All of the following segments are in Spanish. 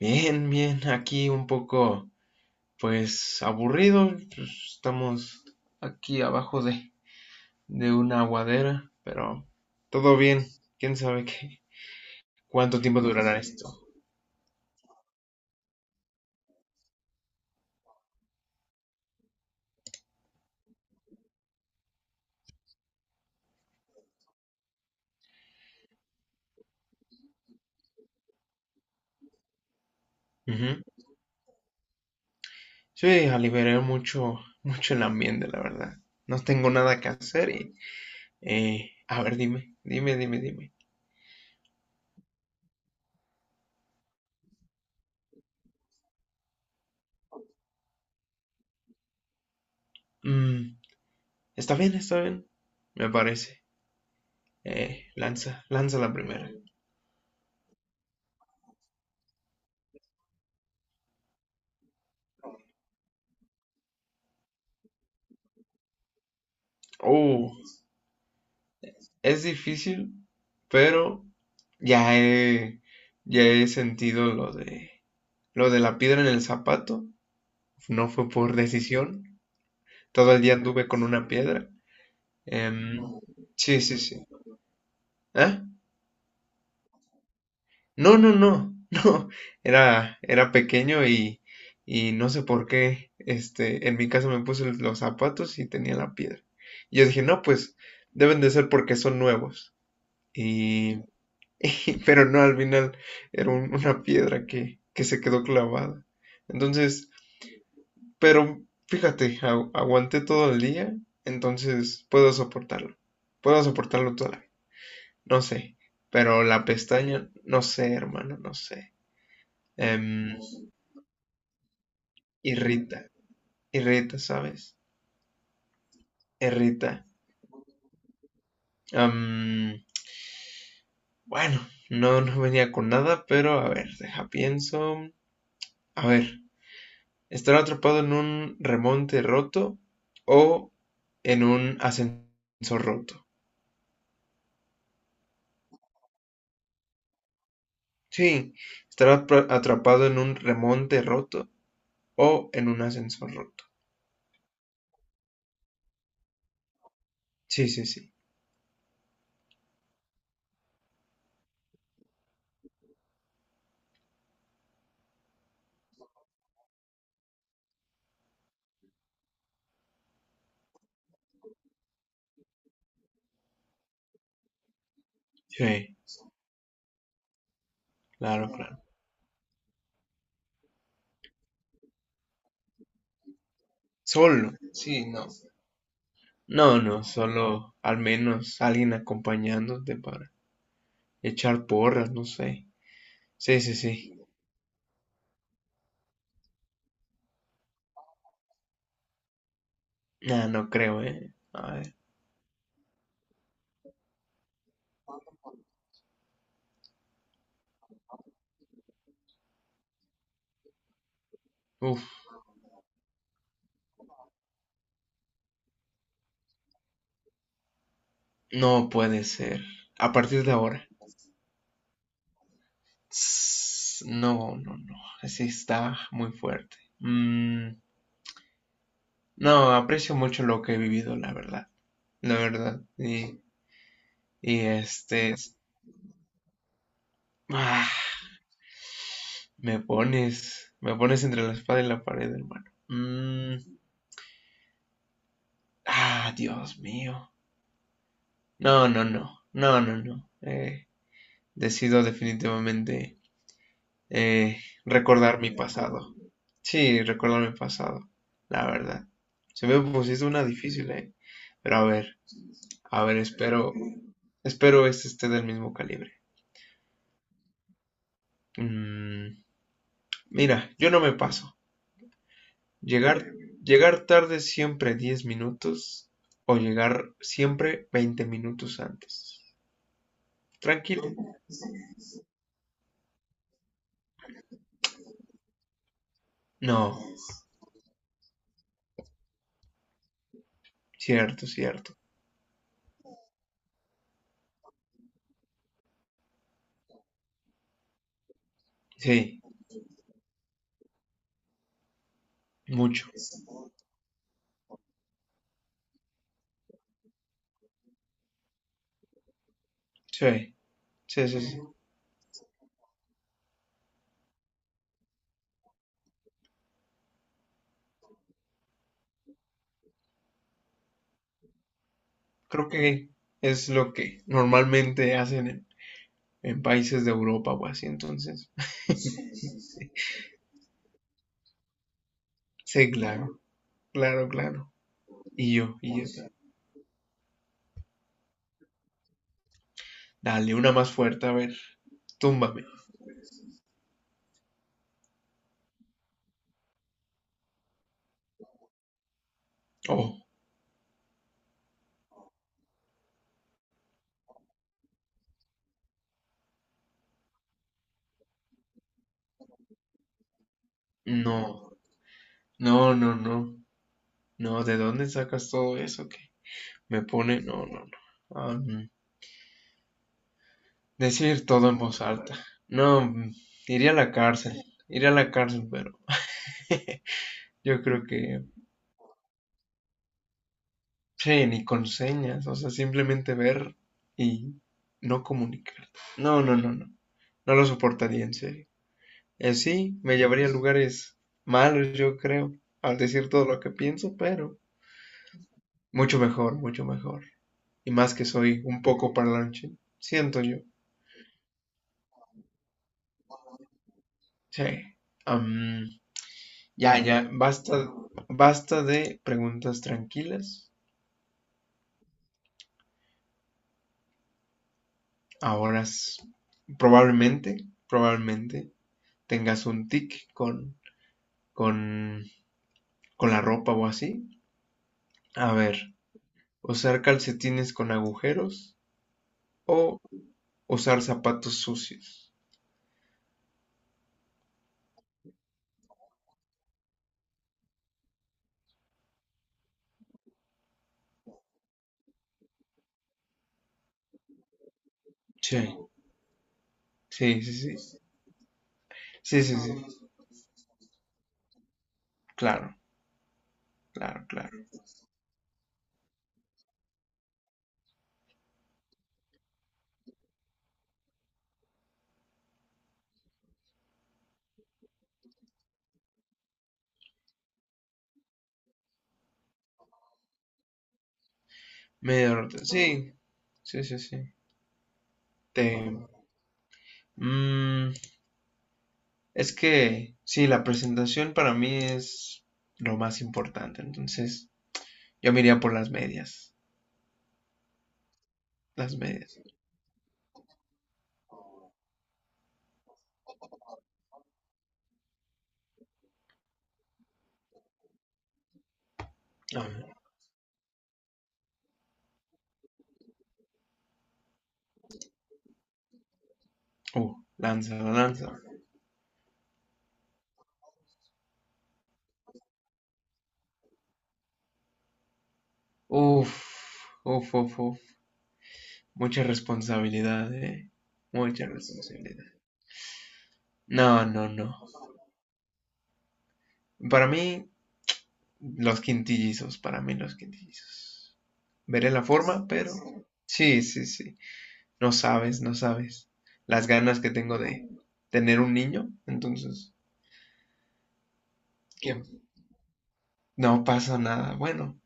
Bien, bien, aquí un poco, pues aburrido, pues, estamos aquí abajo de una aguadera, pero todo bien, quién sabe qué, cuánto tiempo durará esto. Ujú. Sí, aliviaré mucho, mucho el ambiente, la verdad. No tengo nada que hacer y, a ver, dime, dime, dime, dime. Mm, está bien, me parece. Lanza, lanza la primera. Oh, es difícil, pero ya he, ya he sentido lo de la piedra en el zapato. No fue por decisión. Todo el día anduve con una piedra. Em, sí, sí, sí. ¿Ah? No, no, no, no. Era pequeño y no sé por qué. Este, en mi casa me puse los zapatos y tenía la piedra. Y yo dije, no, pues deben de ser porque son nuevos. Y pero no, al final era una piedra que se quedó clavada. Entonces, pero fíjate, aguanté todo el día, entonces puedo soportarlo. Puedo soportarlo toda la vida. No sé, pero la pestaña, no sé, hermano, no sé. Em, irrita, irrita, ¿sabes? Irrita. Am, bueno, no, no venía con nada, pero a ver, deja pienso. A ver. Estar atrapado en un remonte roto o en un ascensor roto. Sí, estar atrapado en un remonte roto o en un ascensor roto. Sí, sí, sí. Sí, claro, claro. Solo. Sí, no. No, no, solo al menos alguien acompañándote para echar porras, no sé. Sí, sí, sí. Nah, no creo, eh. A ver. Uf, no puede ser. A partir de ahora. No, no, no, así está muy fuerte. Mm, no, aprecio mucho lo que he vivido, la verdad, la verdad. Y, y este, ah, me pones entre la espada y la pared, hermano. Mm, ah, Dios mío. No, no, no, no, no, no. Decido definitivamente recordar mi pasado. Sí, recordar mi pasado, la verdad. Se me pusiste una difícil, eh. Pero a ver. A ver, espero, espero este esté del mismo calibre. Mm, mira, yo no me paso. Llegar, llegar tarde siempre 10 minutos o llegar siempre 20 minutos antes. Tranquilo. No, cierto, cierto. Sí, mucho. Sí, sí, sí. Sí. Creo que es lo que normalmente hacen en países de Europa o así, entonces. Sí, claro, claro, claro. Y yo, y yo. Dale, una más fuerte, a ver. Túmbame. Oh, no, no, no, no, no, ¿de dónde sacas todo eso que me pone? No, no, no. Am, decir todo en voz alta. No, mm, iría a la cárcel, iría a la cárcel, pero yo creo que, sí, ni con señas, o sea, simplemente ver y no comunicar. No, no, no, no, no lo soportaría en serio. Y así me llevaría a lugares malos, yo creo, al decir todo lo que pienso, pero mucho mejor, mucho mejor. Y más que soy un poco parlanchín, siento yo. Sí. Am, ya, ya, basta, basta de preguntas tranquilas. Ahora s- probablemente, probablemente tengas un tic con, con la ropa o así. A ver, usar calcetines con agujeros o usar zapatos sucios. Sí, sí, sí, sí. Sí, sí, sí. Claro, claro, claro. Medio roto. Sí, sí, sí, sí. Te, mm, es que sí, la presentación para mí es lo más importante. Entonces, yo me iría por las medias. Las medias. Ah, uh, lanza, lanza. Uf, uf, uf, uf. Mucha responsabilidad, eh. Mucha responsabilidad. No, no, no. Para mí, los quintillizos. Para mí, los quintillizos. Veré la forma, pero. Sí, sí, sí. No sabes, no sabes. Las ganas que tengo de tener un niño. Entonces. Que no pasa nada. Bueno,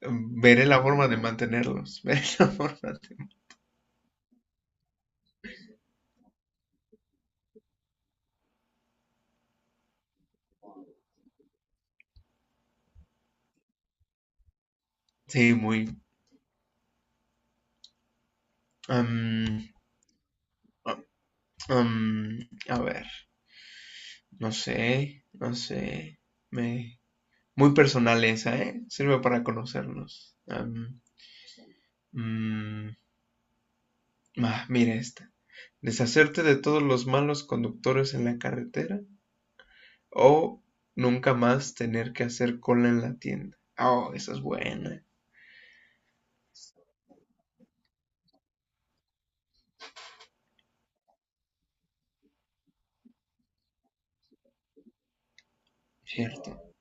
em, veré la forma de mantenerlos. Veré la forma de... Sí, muy... um, um, a ver, no sé, no sé. Me... Muy personal esa, ¿eh? Sirve para conocernos. Um, ah, mira esta. Deshacerte de todos los malos conductores en la carretera o nunca más tener que hacer cola en la tienda. Oh, esa es buena. Cierto,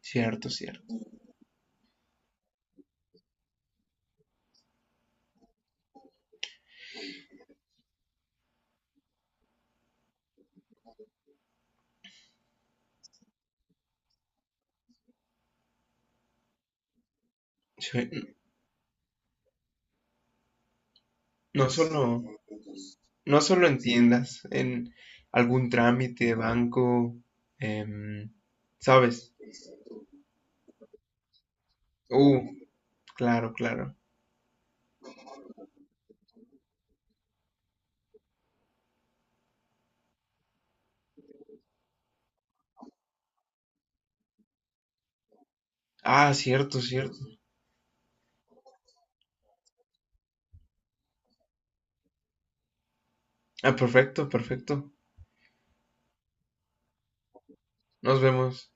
cierto, cierto. Sí. No solo, no solo en tiendas, en algún trámite de banco, em, ¿sabes? Uh, claro, claro. Ah, cierto, cierto. Ah, perfecto, perfecto. Nos vemos.